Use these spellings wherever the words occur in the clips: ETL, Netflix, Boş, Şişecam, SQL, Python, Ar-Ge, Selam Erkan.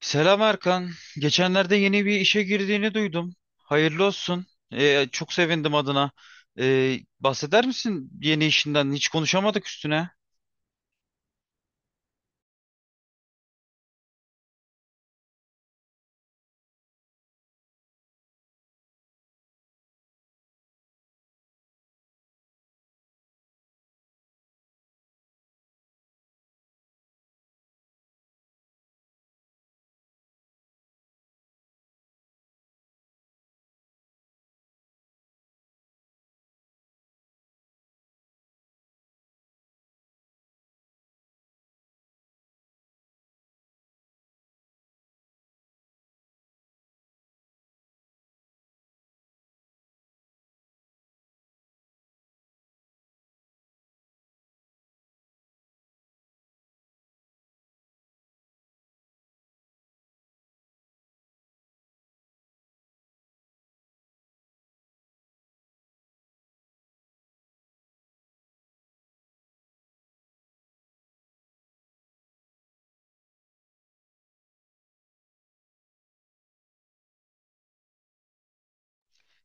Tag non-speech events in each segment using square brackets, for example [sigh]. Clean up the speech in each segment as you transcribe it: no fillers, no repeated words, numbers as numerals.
Selam Erkan. Geçenlerde yeni bir işe girdiğini duydum. Hayırlı olsun. Çok sevindim adına. Bahseder misin yeni işinden? Hiç konuşamadık üstüne.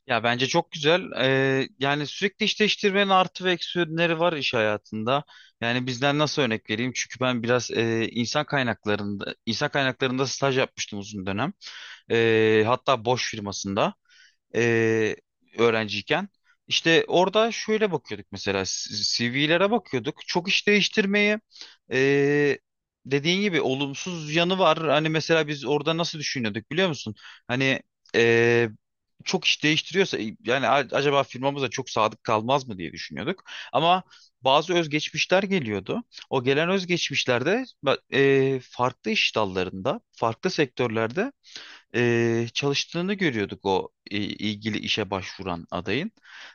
Ya bence çok güzel. Yani sürekli iş değiştirmenin artı ve eksi yönleri var iş hayatında. Yani bizden nasıl örnek vereyim? Çünkü ben biraz insan kaynaklarında staj yapmıştım uzun dönem. Hatta Boş firmasında. e, Öğrenciyken. İşte orada şöyle bakıyorduk, mesela CV'lere bakıyorduk. Çok iş değiştirmeyi, e, dediğin gibi, olumsuz yanı var. Hani mesela biz orada nasıl düşünüyorduk, biliyor musun? Hani e, çok iş değiştiriyorsa yani acaba firmamıza çok sadık kalmaz mı diye düşünüyorduk. Ama bazı özgeçmişler geliyordu. O gelen özgeçmişlerde farklı iş dallarında, farklı sektörlerde çalıştığını görüyorduk o ilgili işe başvuran adayın.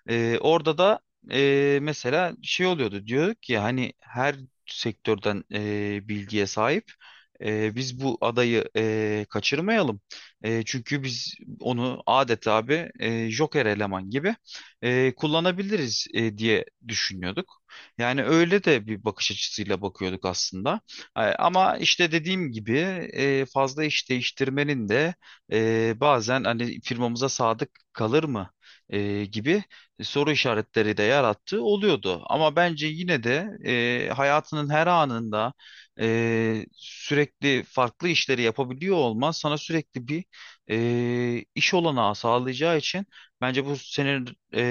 Orada da mesela şey oluyordu, diyorduk ki hani her sektörden bilgiye sahip. Biz bu adayı kaçırmayalım. Çünkü biz onu adeta abi Joker eleman gibi kullanabiliriz diye düşünüyorduk. Yani öyle de bir bakış açısıyla bakıyorduk aslında. Ama işte dediğim gibi fazla iş değiştirmenin de bazen hani firmamıza sadık kalır mı gibi soru işaretleri de yarattığı oluyordu. Ama bence yine de hayatının her anında sürekli farklı işleri yapabiliyor olman sana sürekli bir iş olanağı sağlayacağı için bence bu senin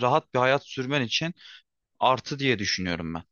rahat bir hayat sürmen için artı diye düşünüyorum ben.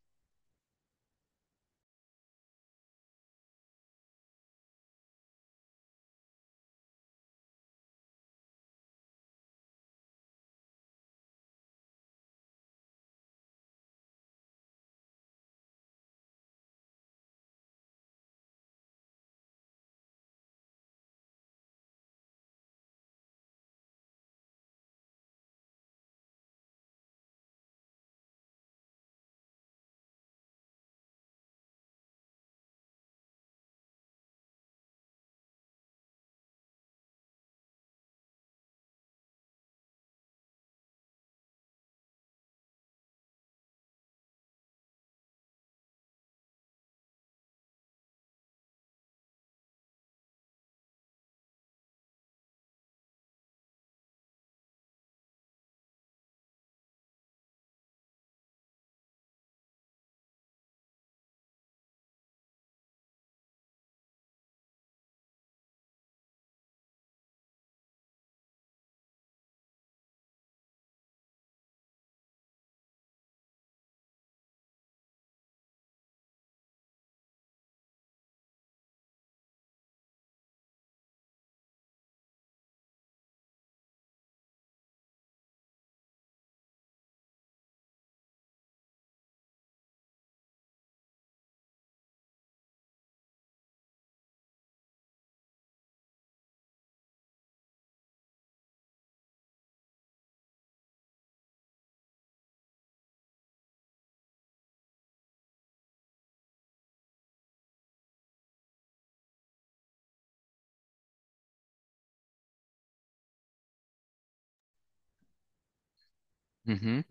Hı hı.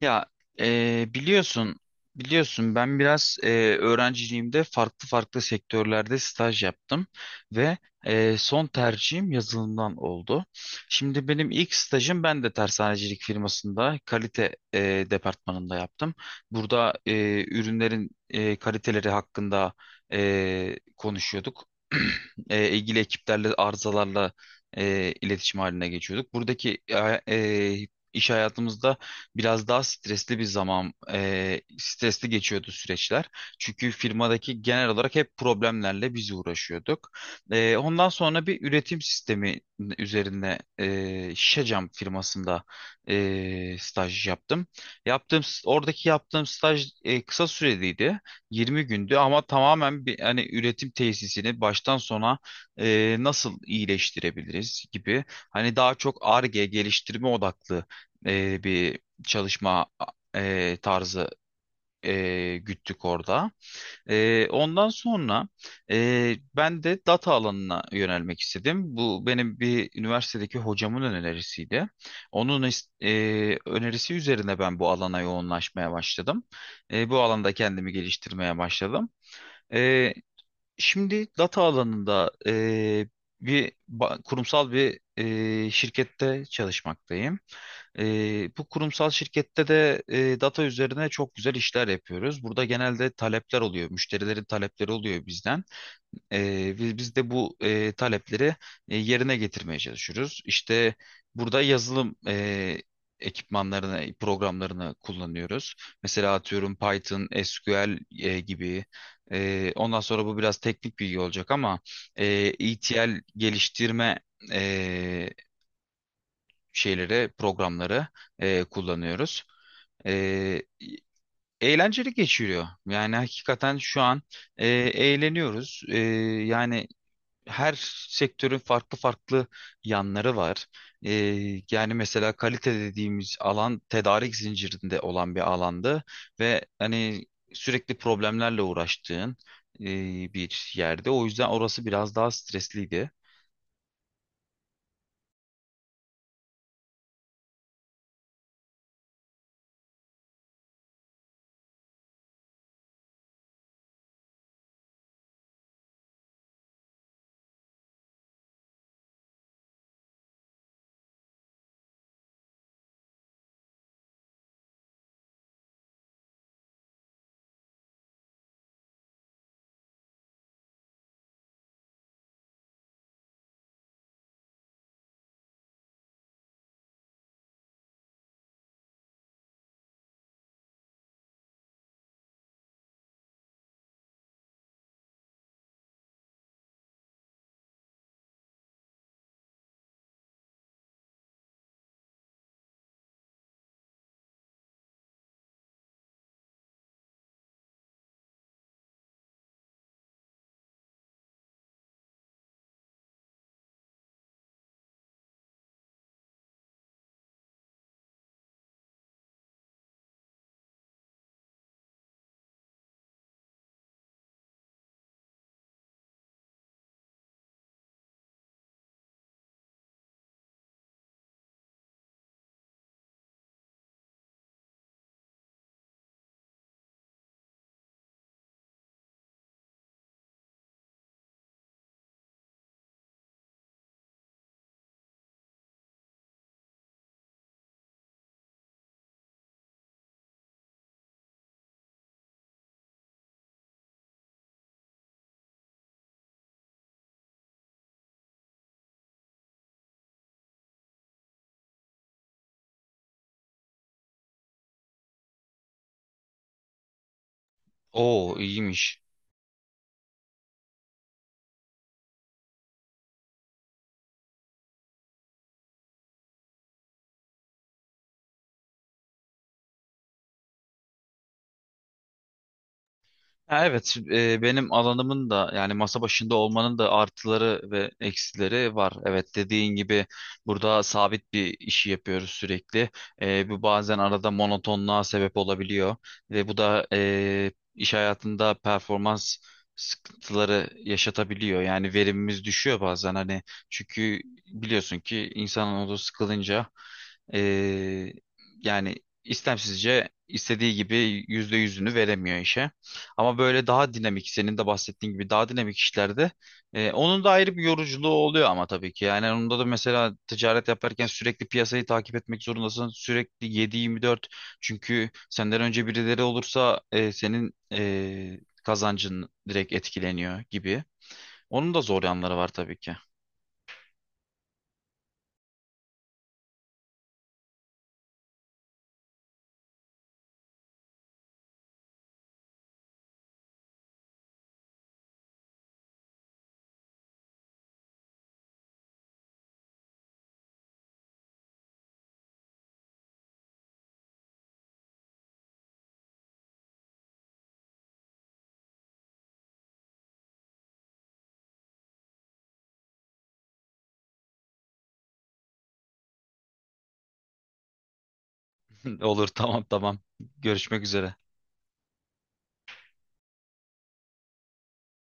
Ya e, biliyorsun biliyorsun ben biraz öğrenciliğimde farklı farklı sektörlerde staj yaptım ve son tercihim yazılımdan oldu. Şimdi benim ilk stajım ben de tersanecilik firmasında kalite departmanında yaptım. Burada ürünlerin kaliteleri hakkında konuşuyorduk. [clears throat] İlgili ekiplerle arızalarla iletişim haline geçiyorduk. Buradaki iş hayatımızda biraz daha stresli bir stresli geçiyordu süreçler. Çünkü firmadaki genel olarak hep problemlerle biz uğraşıyorduk. Ondan sonra bir üretim sistemi üzerine Şişecam firmasında staj yaptım. Oradaki yaptığım staj kısa süreliydi. 20 gündü, ama tamamen bir hani üretim tesisini baştan sona nasıl iyileştirebiliriz gibi, hani daha çok Ar-Ge geliştirme odaklı bir çalışma tarzı güttük orada. Ondan sonra ben de data alanına yönelmek istedim. Bu benim bir üniversitedeki hocamın önerisiydi. Onun önerisi üzerine ben bu alana yoğunlaşmaya başladım. Bu alanda kendimi geliştirmeye başladım. E, Şimdi data alanında kurumsal bir şirkette çalışmaktayım. Bu kurumsal şirkette de data üzerine çok güzel işler yapıyoruz. Burada genelde talepler oluyor, müşterilerin talepleri oluyor bizden. Biz de bu talepleri yerine getirmeye çalışıyoruz. İşte burada yazılım ekipmanlarını, programlarını kullanıyoruz. Mesela atıyorum Python, SQL gibi. Ondan sonra bu biraz teknik bilgi olacak, ama e, ETL geliştirme e, şeyleri, programları kullanıyoruz. E, Eğlenceli geçiriyor. Yani hakikaten şu an eğleniyoruz. Yani her sektörün farklı farklı yanları var. Ee, Yani mesela kalite dediğimiz alan tedarik zincirinde olan bir alandı ve hani sürekli problemlerle uğraştığın e, bir yerde. O yüzden orası biraz daha stresliydi. Oo, iyiymiş. Ha, evet, benim alanımın da, yani masa başında olmanın da, artıları ve eksileri var. Evet, dediğin gibi burada sabit bir işi yapıyoruz sürekli. Bu bazen arada monotonluğa sebep olabiliyor ve bu da iş hayatında performans sıkıntıları yaşatabiliyor. Yani verimimiz düşüyor bazen, hani çünkü biliyorsun ki insanın odası sıkılınca e, yani istemsizce istediği gibi yüzde yüzünü veremiyor işe. Ama böyle daha dinamik, senin de bahsettiğin gibi daha dinamik işlerde onun da ayrı bir yoruculuğu oluyor ama tabii ki. Yani onda da mesela ticaret yaparken sürekli piyasayı takip etmek zorundasın. Sürekli 7-24, çünkü senden önce birileri olursa senin kazancın direkt etkileniyor gibi. Onun da zor yanları var tabii ki. [laughs] Olur, tamam. Görüşmek üzere.